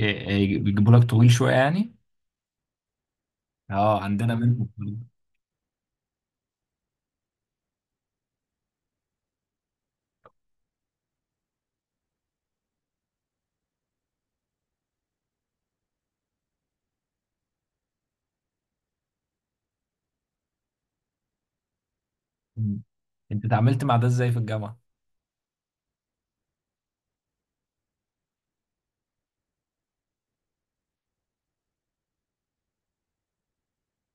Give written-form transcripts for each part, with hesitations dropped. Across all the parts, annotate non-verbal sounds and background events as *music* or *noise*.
إيه، بيجيبوا لك طويل شويه يعني. اه، عندنا منهم برضه. مم. انت اتعاملت مع ده ازاي في الجامعه؟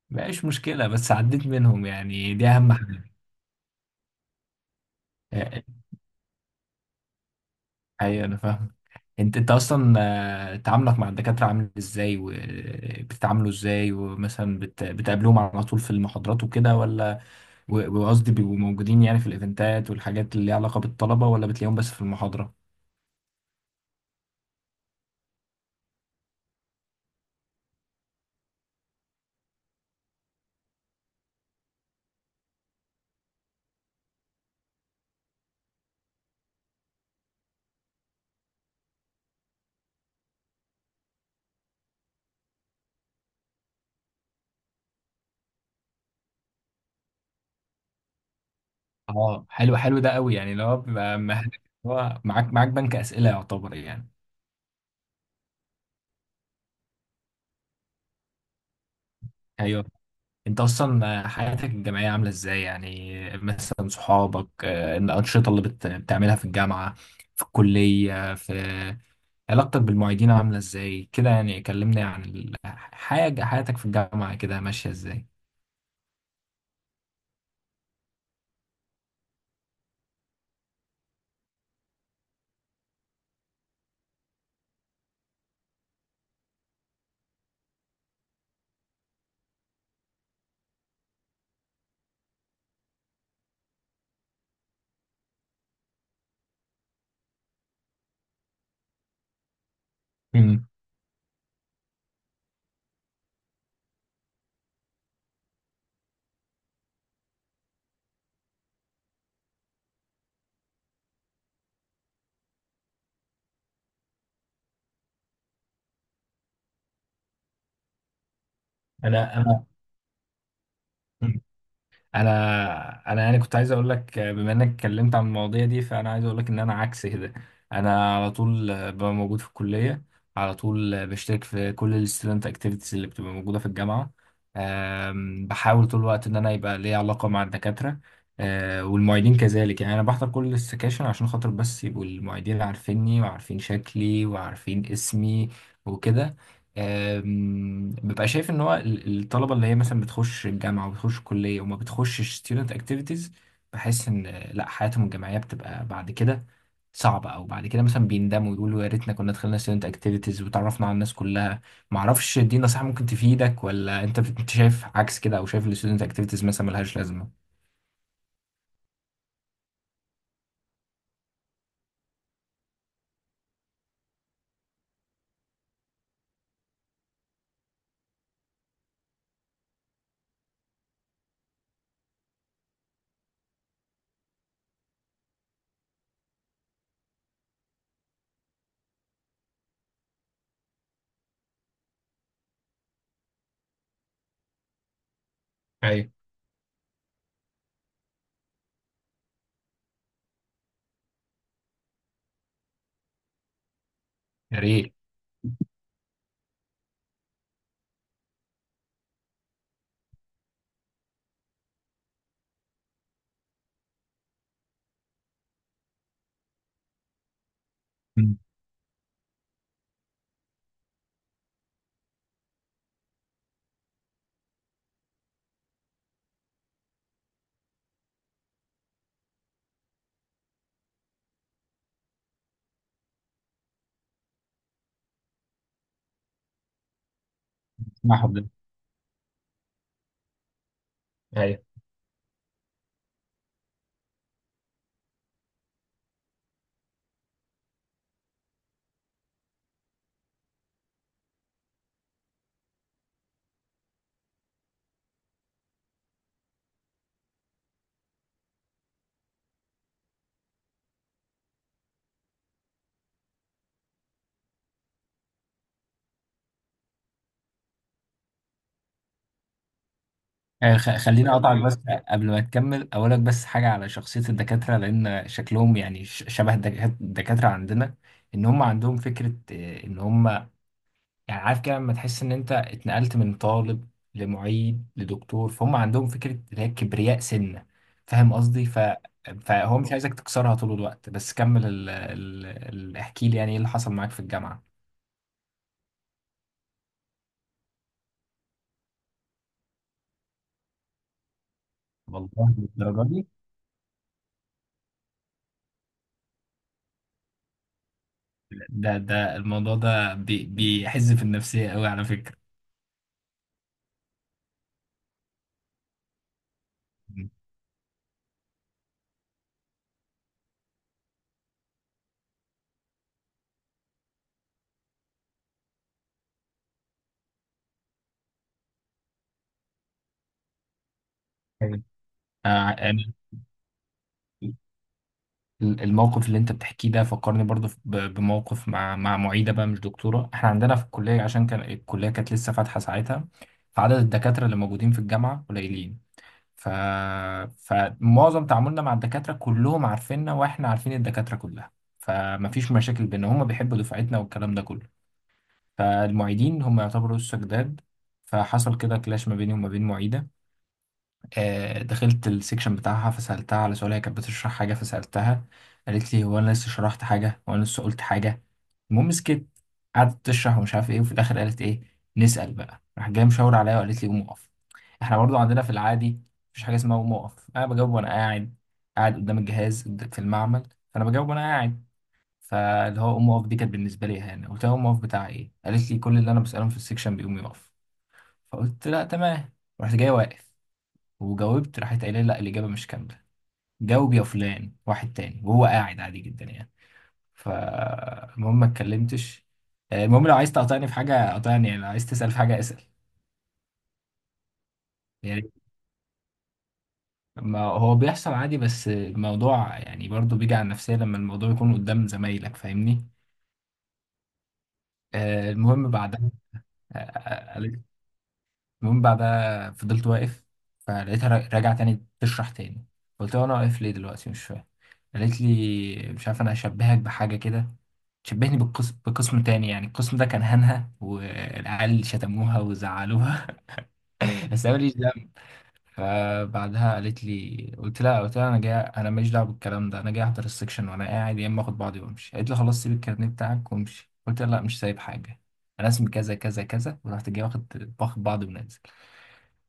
مبقاش مشكله، بس عديت منهم، يعني دي اهم حاجه. إيه، ايوه انا فاهم. انت اصلا، تعاملك مع الدكاتره عامل ازاي وبتتعاملوا ازاي؟ ومثلا بتقابلوهم على طول في المحاضرات وكده ولا؟ وقصدي بيبقوا موجودين يعني في الايفنتات والحاجات اللي ليها علاقه بالطلبه، ولا بتلاقيهم بس في المحاضره؟ اه، حلو، حلو ده قوي يعني لو بيبقى هو معاك بنك اسئله يعتبر يعني. ايوه، انت اصلا حياتك الجامعيه عامله ازاي؟ يعني مثلا صحابك، الانشطه اللي بتعملها في الجامعه، في الكليه، في علاقتك بالمعيدين عامله ازاي كده؟ يعني كلمني عن الحاجه، حياتك في الجامعه كده ماشيه ازاي. امم انا انا انا يعني كنت عايز اقول لك، بما انك اتكلمت عن المواضيع دي، فانا عايز اقول لك ان انا عكس كده. انا على طول ببقى موجود في الكليه، على طول بشترك في كل الستودنت اكتيفيتيز اللي بتبقى موجوده في الجامعه. بحاول طول الوقت ان انا يبقى ليا علاقه مع الدكاتره، والمعيدين كذلك. يعني انا بحضر كل السكاشن عشان خاطر بس يبقوا المعيدين عارفيني وعارفين شكلي وعارفين اسمي، وكده. ببقى شايف ان هو الطلبه اللي هي مثلا بتخش الجامعه وبتخش الكليه وما بتخشش ستودنت اكتيفيتيز، بحس ان لا، حياتهم الجامعيه بتبقى بعد كده صعبه، او بعد كده مثلا بيندموا ويقولوا يا ريتنا كنا دخلنا ستودنت اكتيفيتيز وتعرفنا على الناس كلها. ما اعرفش، دي نصيحه ممكن تفيدك، ولا انت انت شايف عكس كده، او شايف الستودنت اكتيفيتيز مثلا ملهاش لازمه؟ ايوه، يا ريت. مم. اسمعهم دول. ايوه. خليني طيب اقطعك بس قبل ما تكمل. اقول لك بس حاجه على شخصيه الدكاتره، لان شكلهم يعني شبه الدكاتره عندنا، ان هم عندهم فكره، ان هم يعني، عارف كده لما تحس ان انت اتنقلت من طالب لمعيد لدكتور، فهم عندهم فكره اللي هي كبرياء سنه. فاهم قصدي فهو مش عايزك تكسرها طول الوقت. بس كمل احكي لي يعني ايه اللي حصل معاك في الجامعه. والله، للدرجه دي؟ ده الموضوع ده بيحز في النفسيه قوي على فكره. يعني الموقف اللي انت بتحكيه ده فكرني برضو بموقف مع مع معيده بقى، مش دكتوره. احنا عندنا في الكليه، عشان كان الكليه كانت لسه فاتحه ساعتها، فعدد الدكاتره اللي موجودين في الجامعه قليلين، ف... فمعظم تعاملنا مع الدكاتره كلهم عارفيننا واحنا عارفين الدكاتره كلها، فمفيش مشاكل بينا، هم بيحبوا دفعتنا والكلام ده كله. فالمعيدين هم يعتبروا لسه جداد. فحصل كده كلاش ما بيني وما بين معيده. دخلت السكشن بتاعها فسألتها على سؤال، هي كانت بتشرح حاجة فسألتها، قالت لي: هو أنا لسه شرحت حاجة؟ هو أنا لسه قلت حاجة؟ المهم سكت، قعدت تشرح ومش عارف إيه، وفي الآخر قالت: إيه نسأل بقى؟ راح جاية مشاور عليا وقالت لي: قوم اقف. إحنا برضو عندنا في العادي مفيش حاجة اسمها قوم اقف، أنا بجاوب وأنا قاعد، قاعد قدام الجهاز في المعمل، فأنا بجاوب وأنا قاعد. فاللي هو قوم اقف دي كانت بالنسبة لي يعني، قلت لها: قوم اقف بتاع إيه؟ قالت لي: كل اللي أنا بسألهم في السكشن بيقوم يقف. فقلت: لا، تمام. رحت جاي واقف وجاوبت، راحت قايله لي: لا، الاجابه مش كامله، جاوب يا فلان. واحد تاني وهو قاعد عادي جدا يعني. فالمهم ما اتكلمتش. المهم، لو عايز تقاطعني في حاجه قاطعني، يعني لو عايز تسال في حاجه اسال. يعني ما هو بيحصل عادي، بس الموضوع يعني برضو بيجي على النفسيه لما الموضوع يكون قدام زمايلك، فاهمني. آه، المهم بعدها آه، آه، آه، المهم بعدها فضلت واقف، فلقيتها راجعه تاني تشرح تاني، قلت لها: انا واقف ليه دلوقتي؟ مش فاهم. قالت لي: مش عارف، انا هشبهك بحاجه كده. شبهني بالقسم، بقسم تاني يعني، القسم ده كان هنها والعيال شتموها وزعلوها. *laughs* بس انا ماليش دعوه. فبعدها قالت لي، قلت لها: انا جاي، انا ماليش دعوه بالكلام ده، انا جاي احضر السكشن وانا قاعد، يا اما اخد بعضي وامشي. قالت لي: خلاص، سيب الكارنيه بتاعك وامشي. قلت لها: لا، مش سايب حاجه، انا اسمي كذا كذا كذا. ورحت جاي واخد، باخد بعضي ونازل.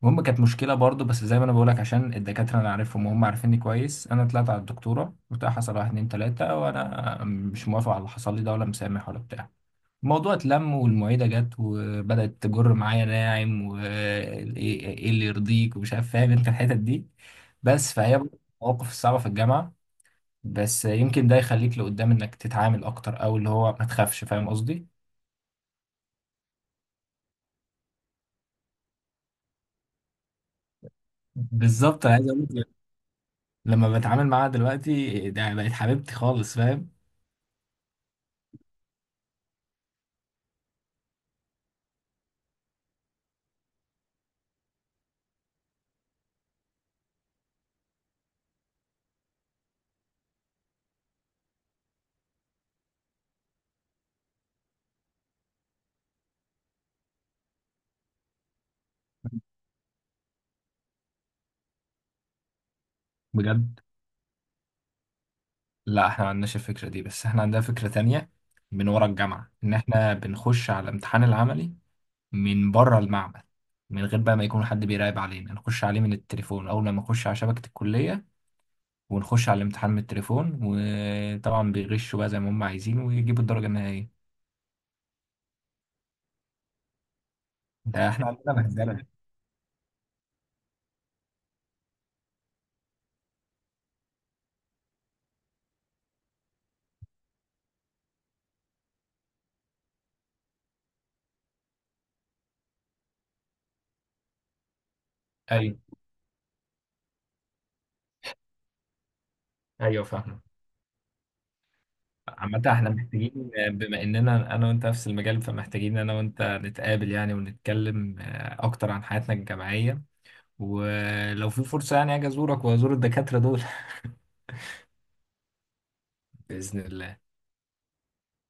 المهم كانت مشكله برضو، بس زي ما انا بقولك، عشان الدكاتره انا عارفهم وهم عارفيني كويس، انا طلعت على الدكتوره قلت لها: حصل واحد اتنين تلاته، وانا مش موافق على اللي حصل لي ده، ولا مسامح ولا بتاع. الموضوع اتلم، والمعيدة جت وبدأت تجر معايا ناعم، وايه إيه إيه اللي يرضيك ومش عارف، فاهم انت الحتت دي. بس فهي برضه المواقف الصعبة في الجامعة، بس يمكن ده يخليك لقدام انك تتعامل اكتر، او اللي هو ما تخافش، فاهم قصدي. بالظبط، انا عايز اقول لك لما بتعامل معاها دلوقتي ده بقت حبيبتي خالص، فاهم. بجد. لا، احنا ما عندناش الفكرة دي، بس احنا عندنا فكرة تانية من ورا الجامعة، ان احنا بنخش على امتحان العملي من بره المعمل، من غير بقى ما يكون حد بيراقب علينا، نخش عليه من التليفون، اول لما نخش على شبكة الكلية ونخش على الامتحان من التليفون، وطبعا بيغشوا بقى زي ما هم عايزين ويجيبوا الدرجة النهائية. ده احنا عندنا بهدلة. ايوه. ايوه فاهم. عامة، احنا محتاجين بما اننا انا وانت نفس المجال، فمحتاجين انا وانت نتقابل يعني ونتكلم اكتر عن حياتنا الجامعية، ولو في فرصة يعني اجي ازورك وازور الدكاترة دول. *laughs* بإذن الله.